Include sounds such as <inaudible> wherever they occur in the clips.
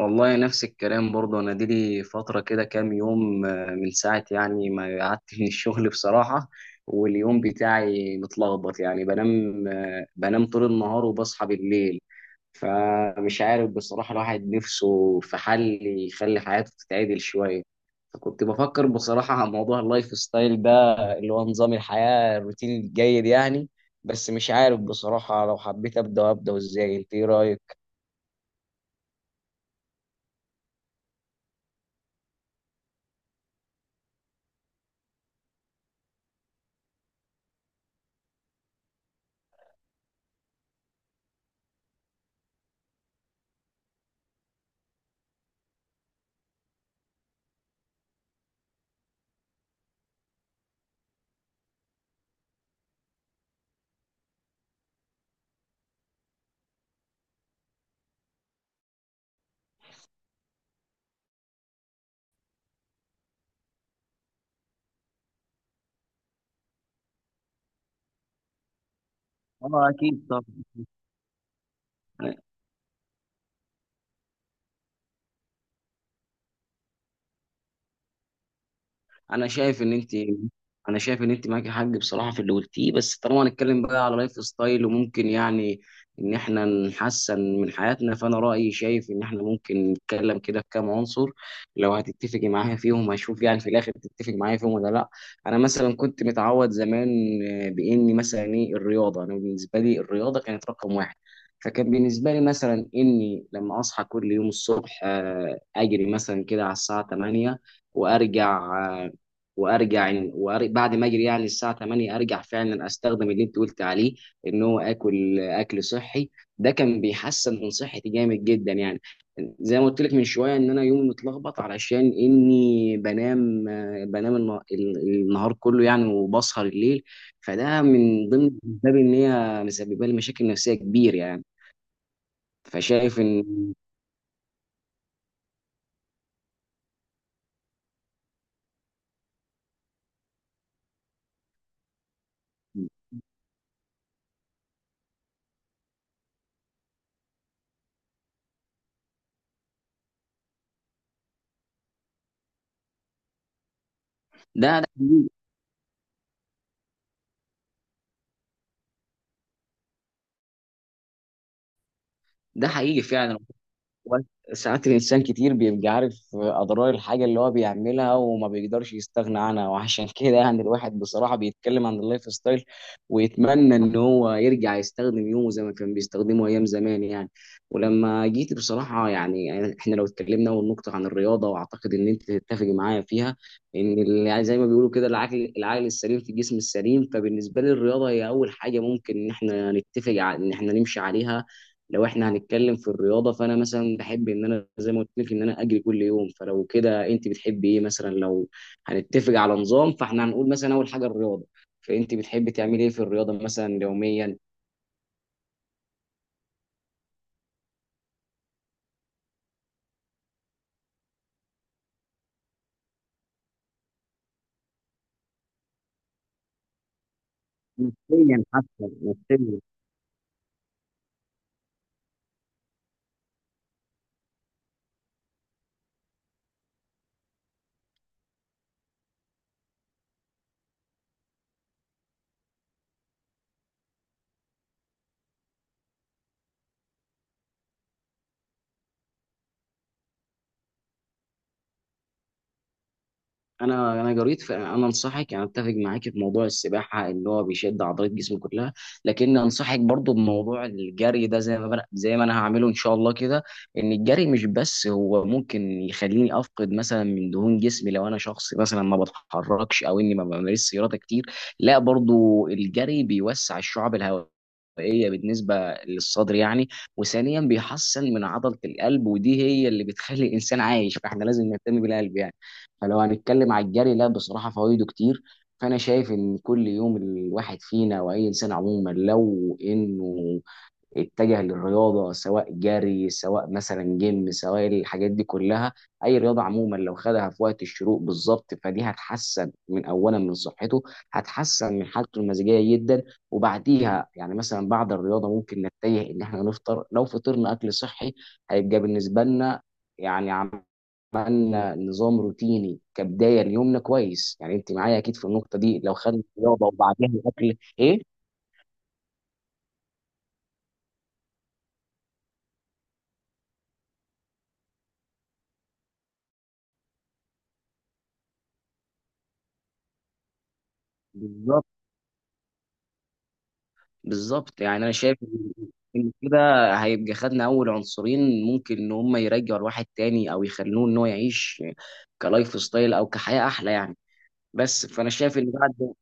والله نفس الكلام برضه انا دي لي فتره كده كام يوم، من ساعه يعني ما قعدت من الشغل بصراحه. واليوم بتاعي متلخبط يعني بنام طول النهار وبصحى بالليل. فمش عارف بصراحه الواحد نفسه في حل يخلي حياته تتعدل شويه. فكنت بفكر بصراحه على موضوع اللايف ستايل ده، اللي هو نظام الحياه الروتين الجيد يعني. بس مش عارف بصراحه لو حبيت ابدا ازاي. انت ايه رايك؟ اه، اكيد طبعا. انا شايف ان انت انا شايف ان انت معاكي حق بصراحه في اللي قلتيه، بس طالما هنتكلم بقى على لايف ستايل وممكن يعني ان احنا نحسن من حياتنا، فانا رايي شايف ان احنا ممكن نتكلم كده في كام عنصر. لو هتتفقي معايا فيهم هشوف يعني في الاخر تتفقي معايا فيهم ولا لا. انا مثلا كنت متعود زمان، باني مثلا ايه الرياضه. انا بالنسبه لي الرياضه كانت رقم واحد. فكان بالنسبه لي مثلا اني لما اصحى كل يوم الصبح اجري مثلا كده على الساعه 8. وارجع آه، وارجع وأر- بعد ما اجري يعني الساعه 8 ارجع فعلا استخدم اللي انت قلت عليه، ان هو اكل صحي. ده كان بيحسن من صحتي جامد جدا يعني. زي ما قلت لك من شويه ان انا يومي متلخبط علشان اني بنام آه، بنام الن- ال- النهار كله يعني وبسهر الليل. فده من ضمن الاسباب ان هي مسببه لي مشاكل نفسيه كبيره يعني. فشايف ان ده حقيقي. ده حقيقي فعلا. ساعات الإنسان كتير بيبقى عارف أضرار الحاجة اللي هو بيعملها وما بيقدرش يستغنى عنها، وعشان <laughs> كده يعني الواحد بصراحة بيتكلم عن اللايف ستايل ويتمنى إن هو يرجع يستخدم يومه زي ما كان بيستخدمه أيام زمان يعني. ولما جيت بصراحة يعني إحنا لو اتكلمنا أول نقطة عن الرياضة، وأعتقد إن أنت تتفق معايا فيها، إن يعني زي ما بيقولوا كده، العقل السليم في الجسم السليم. فبالنسبة لي الرياضة هي أول حاجة ممكن إن إحنا نتفق على إن إحنا نمشي عليها. لو احنا هنتكلم في الرياضه، فانا مثلا بحب ان انا زي ما قلت لك ان انا اجري كل يوم. فلو كده انت بتحبي ايه مثلا؟ لو هنتفق على نظام فاحنا هنقول مثلا اول حاجه الرياضه، فانت بتحبي تعملي ايه في الرياضه مثلا يوميا؟ نفسيا حتى. نفسيا. انا جريت، انا انصحك، انا اتفق معاك في موضوع السباحه اللي هو بيشد عضلات جسمك كلها. لكن انصحك برضو بموضوع الجري ده، زي ما انا هعمله ان شاء الله كده. ان الجري مش بس هو ممكن يخليني افقد مثلا من دهون جسمي لو انا شخص مثلا ما بتحركش او اني ما بمارسش رياضه كتير، لا، برضو الجري بيوسع الشعب الهوائيه بالنسبه للصدر يعني. وثانيا بيحسن من عضله القلب، ودي هي اللي بتخلي الانسان عايش، فاحنا لازم نهتم بالقلب يعني. فلو هنتكلم على الجري، لا بصراحة فوائده كتير. فأنا شايف إن كل يوم الواحد فينا وأي إنسان عموما لو إنه اتجه للرياضة، سواء جري، سواء مثلا جيم، سواء الحاجات دي كلها، أي رياضة عموما، لو خدها في وقت الشروق بالظبط فدي هتحسن من أولا من صحته، هتحسن من حالته المزاجية جدا. وبعديها يعني مثلا بعد الرياضة ممكن نتجه إن إحنا نفطر. لو فطرنا أكل صحي هيبقى بالنسبة لنا يعني عملنا نظام روتيني كبدايه ليومنا كويس يعني. انت معايا اكيد في النقطه دي لو خدنا الرياضه وبعدها الاكل ايه. بالظبط. بالظبط يعني انا شايف إن كده هيبقى خدنا اول عنصرين ممكن ان هم يرجعوا الواحد تاني او يخلوه ان هو يعيش كلايف ستايل او كحياه احلى يعني. بس فانا شايف ان بعد.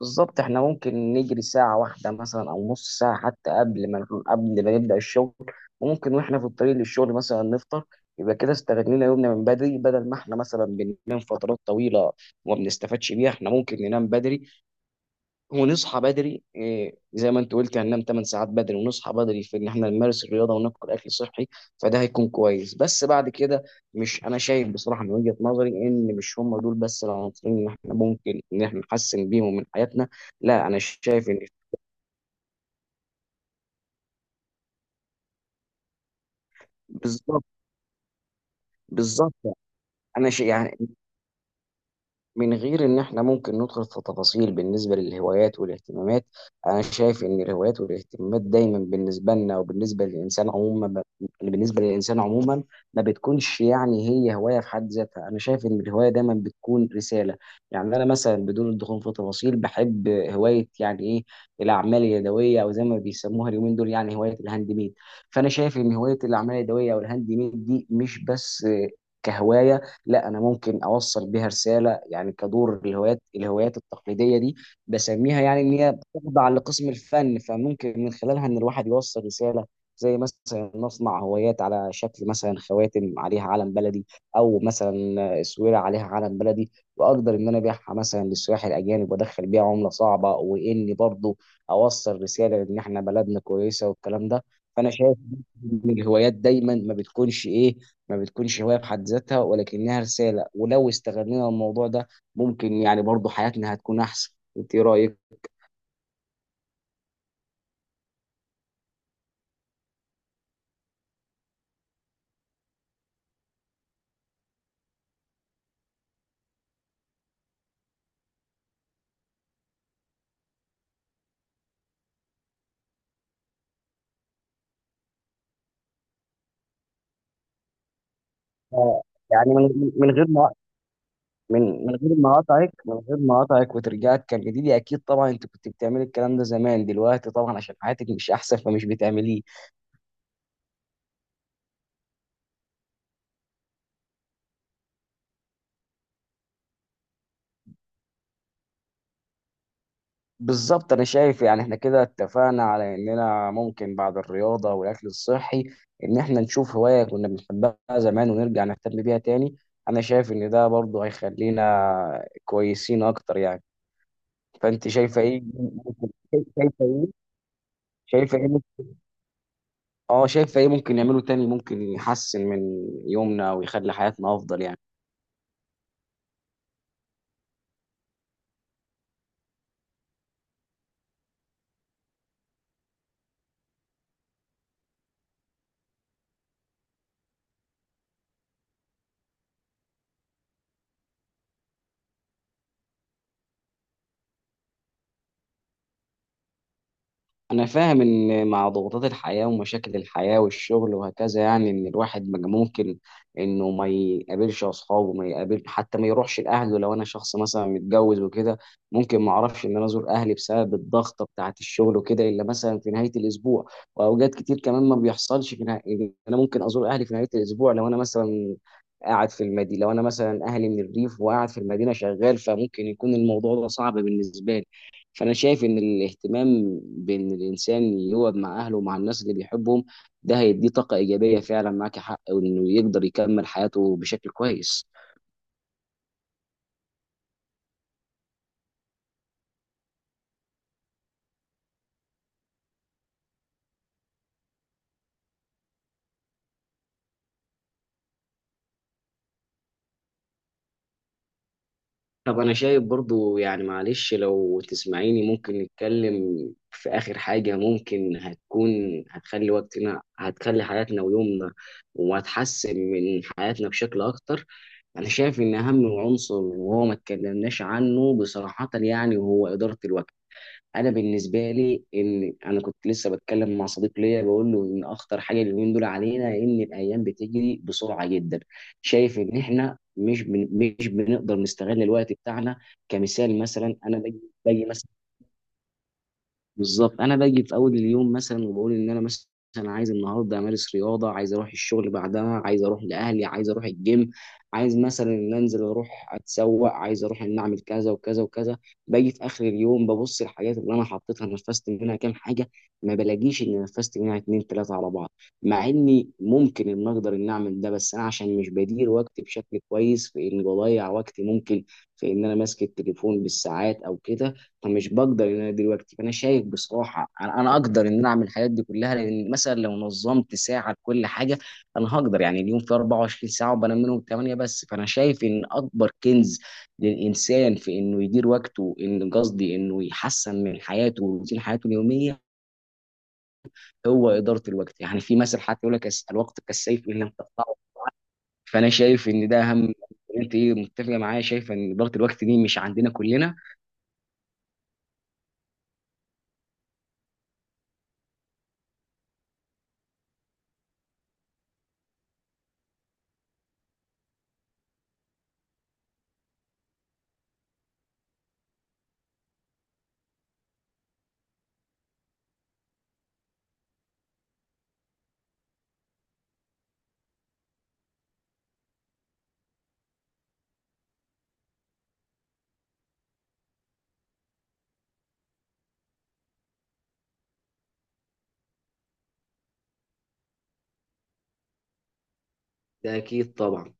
بالظبط، احنا ممكن نجري ساعة واحدة مثلا أو نص ساعة حتى قبل ما نبدأ الشغل. وممكن واحنا في الطريق للشغل مثلا نفطر. يبقى كده استغلينا يومنا من بدري بدل ما احنا مثلا بننام فترات طويلة وما بنستفادش بيها. احنا ممكن ننام بدري ونصحى بدري إيه، زي ما انت قلت هننام 8 ساعات بدري ونصحى بدري في ان احنا نمارس الرياضه وناكل اكل صحي. فده هيكون كويس بس بعد كده. مش، انا شايف بصراحه من وجهه نظري ان مش هم دول بس العناصرين اللي احنا ممكن ان احنا نحسن بيهم من حياتنا. لا، انا شايف ان. بالظبط. بالظبط. انا شايف يعني، من غير ان احنا ممكن ندخل في تفاصيل بالنسبه للهوايات والاهتمامات، انا شايف ان الهوايات والاهتمامات دايما بالنسبه لنا وبالنسبه للانسان عموما بالنسبه للانسان عموما ما بتكونش يعني هي هوايه في حد ذاتها. انا شايف ان الهوايه دايما بتكون رساله. يعني انا مثلا بدون الدخول في تفاصيل، بحب هوايه يعني ايه، الاعمال اليدويه، او زي ما بيسموها اليومين دول يعني هوايه الهاند ميد. فانا شايف ان هوايه الاعمال اليدويه او الهاند ميد دي مش بس كهوايه، لا، انا ممكن اوصل بيها رساله. يعني كدور الهوايات التقليديه دي بسميها، يعني ان هي بتخضع لقسم الفن، فممكن من خلالها ان الواحد يوصل رساله. زي مثلا نصنع هوايات على شكل مثلا خواتم عليها علم بلدي، او مثلا اسوره عليها علم بلدي، واقدر ان انا ابيعها مثلا للسياح الاجانب وادخل بيها عمله صعبه، واني برضو اوصل رساله ان احنا بلدنا كويسه والكلام ده. فانا شايف ان الهوايات دايما ما بتكونش ايه، ما بتكونش هواية في حد ذاتها، ولكنها رسالة. ولو استغلنا الموضوع ده ممكن يعني برضو حياتنا هتكون أحسن. أنت إيه رأيك؟ آه، يعني من من غير ما من من غير ما أقاطعك من غير ما أقاطعك وترجعك، كان جديد أكيد طبعا. أنت كنت بتعملي الكلام ده زمان، دلوقتي طبعا عشان حياتك مش أحسن فمش بتعمليه. بالظبط، انا شايف يعني احنا كده اتفقنا على اننا ممكن بعد الرياضه والاكل الصحي ان احنا نشوف هوايه كنا بنحبها زمان ونرجع نهتم بيها تاني. انا شايف ان ده برضه هيخلينا كويسين اكتر يعني. فانت شايفه ايه ممكن. شايفه ايه شايفه ايه ممكن- اه شايفه ايه ممكن نعمله تاني ممكن يحسن من يومنا ويخلي حياتنا افضل يعني؟ أنا فاهم إن مع ضغوطات الحياة ومشاكل الحياة والشغل وهكذا، يعني إن الواحد ما ممكن إنه ما يقابلش أصحابه، ما يقابل حتى، ما يروحش لأهله. لو أنا شخص مثلا متجوز وكده، ممكن ما أعرفش إن أنا أزور أهلي بسبب الضغطة بتاعة الشغل وكده إلا مثلا في نهاية الأسبوع. وأوقات كتير كمان ما بيحصلش في نهاية، إن أنا ممكن أزور أهلي في نهاية الأسبوع لو أنا مثلا قاعد في المدينة، لو أنا مثلا أهلي من الريف وقاعد في المدينة شغال، فممكن يكون الموضوع ده صعب بالنسبة لي. فانا شايف ان الاهتمام بان الانسان يقعد مع اهله ومع الناس اللي بيحبهم، ده هيديه طاقه ايجابيه، فعلا معاك حق، وانه يقدر يكمل حياته بشكل كويس. طب انا شايف برضو يعني معلش لو تسمعيني ممكن نتكلم في اخر حاجه ممكن هتكون، هتخلي وقتنا هتخلي حياتنا ويومنا، وهتحسن من حياتنا بشكل اكتر. انا شايف ان اهم عنصر وهو ما اتكلمناش عنه بصراحه يعني، هو اداره الوقت. انا بالنسبه لي، ان انا كنت لسه بتكلم مع صديق ليا بقول له ان اخطر حاجه اليومين دول علينا، ان الايام بتجري بسرعه جدا. شايف ان احنا مش بنقدر نستغل الوقت بتاعنا. كمثال مثلا، انا باجي مثلا. بالظبط، انا باجي في اول اليوم مثلا وبقول ان انا مثلا عايز النهارده امارس رياضه، عايز اروح الشغل بعدها، عايز اروح لاهلي، عايز اروح الجيم، عايز مثلا ان انزل اروح اتسوق، عايز اروح ان اعمل كذا وكذا وكذا. باجي في اخر اليوم ببص الحاجات اللي انا حطيتها، نفذت منها كام حاجه؟ ما بلاقيش ان نفذت منها اتنين تلاته على بعض. مع اني ممكن ان اقدر ان اعمل ده، بس انا عشان مش بدير وقتي بشكل كويس، في ان بضيع وقتي ممكن في ان انا ماسك التليفون بالساعات او كده. فمش بقدر ان انا دلوقتي، فانا شايف بصراحه أنا اقدر ان انا اعمل الحاجات دي كلها، لان مثلا لو نظمت ساعه لكل حاجه انا هقدر. يعني اليوم فيه 24 ساعه وبنام منهم 8 بس. فانا شايف ان اكبر كنز للانسان في انه يدير وقته، ان قصدي انه يحسن من حياته وروتين حياته اليوميه، هو اداره الوقت. يعني في مثل حتى يقول لك الوقت كالسيف ان لم تقطعه. فانا شايف ان ده اهم. انت ايه، متفقه معايا شايفه ان اداره الوقت دي مش عندنا كلنا؟ ده اكيد طبعا.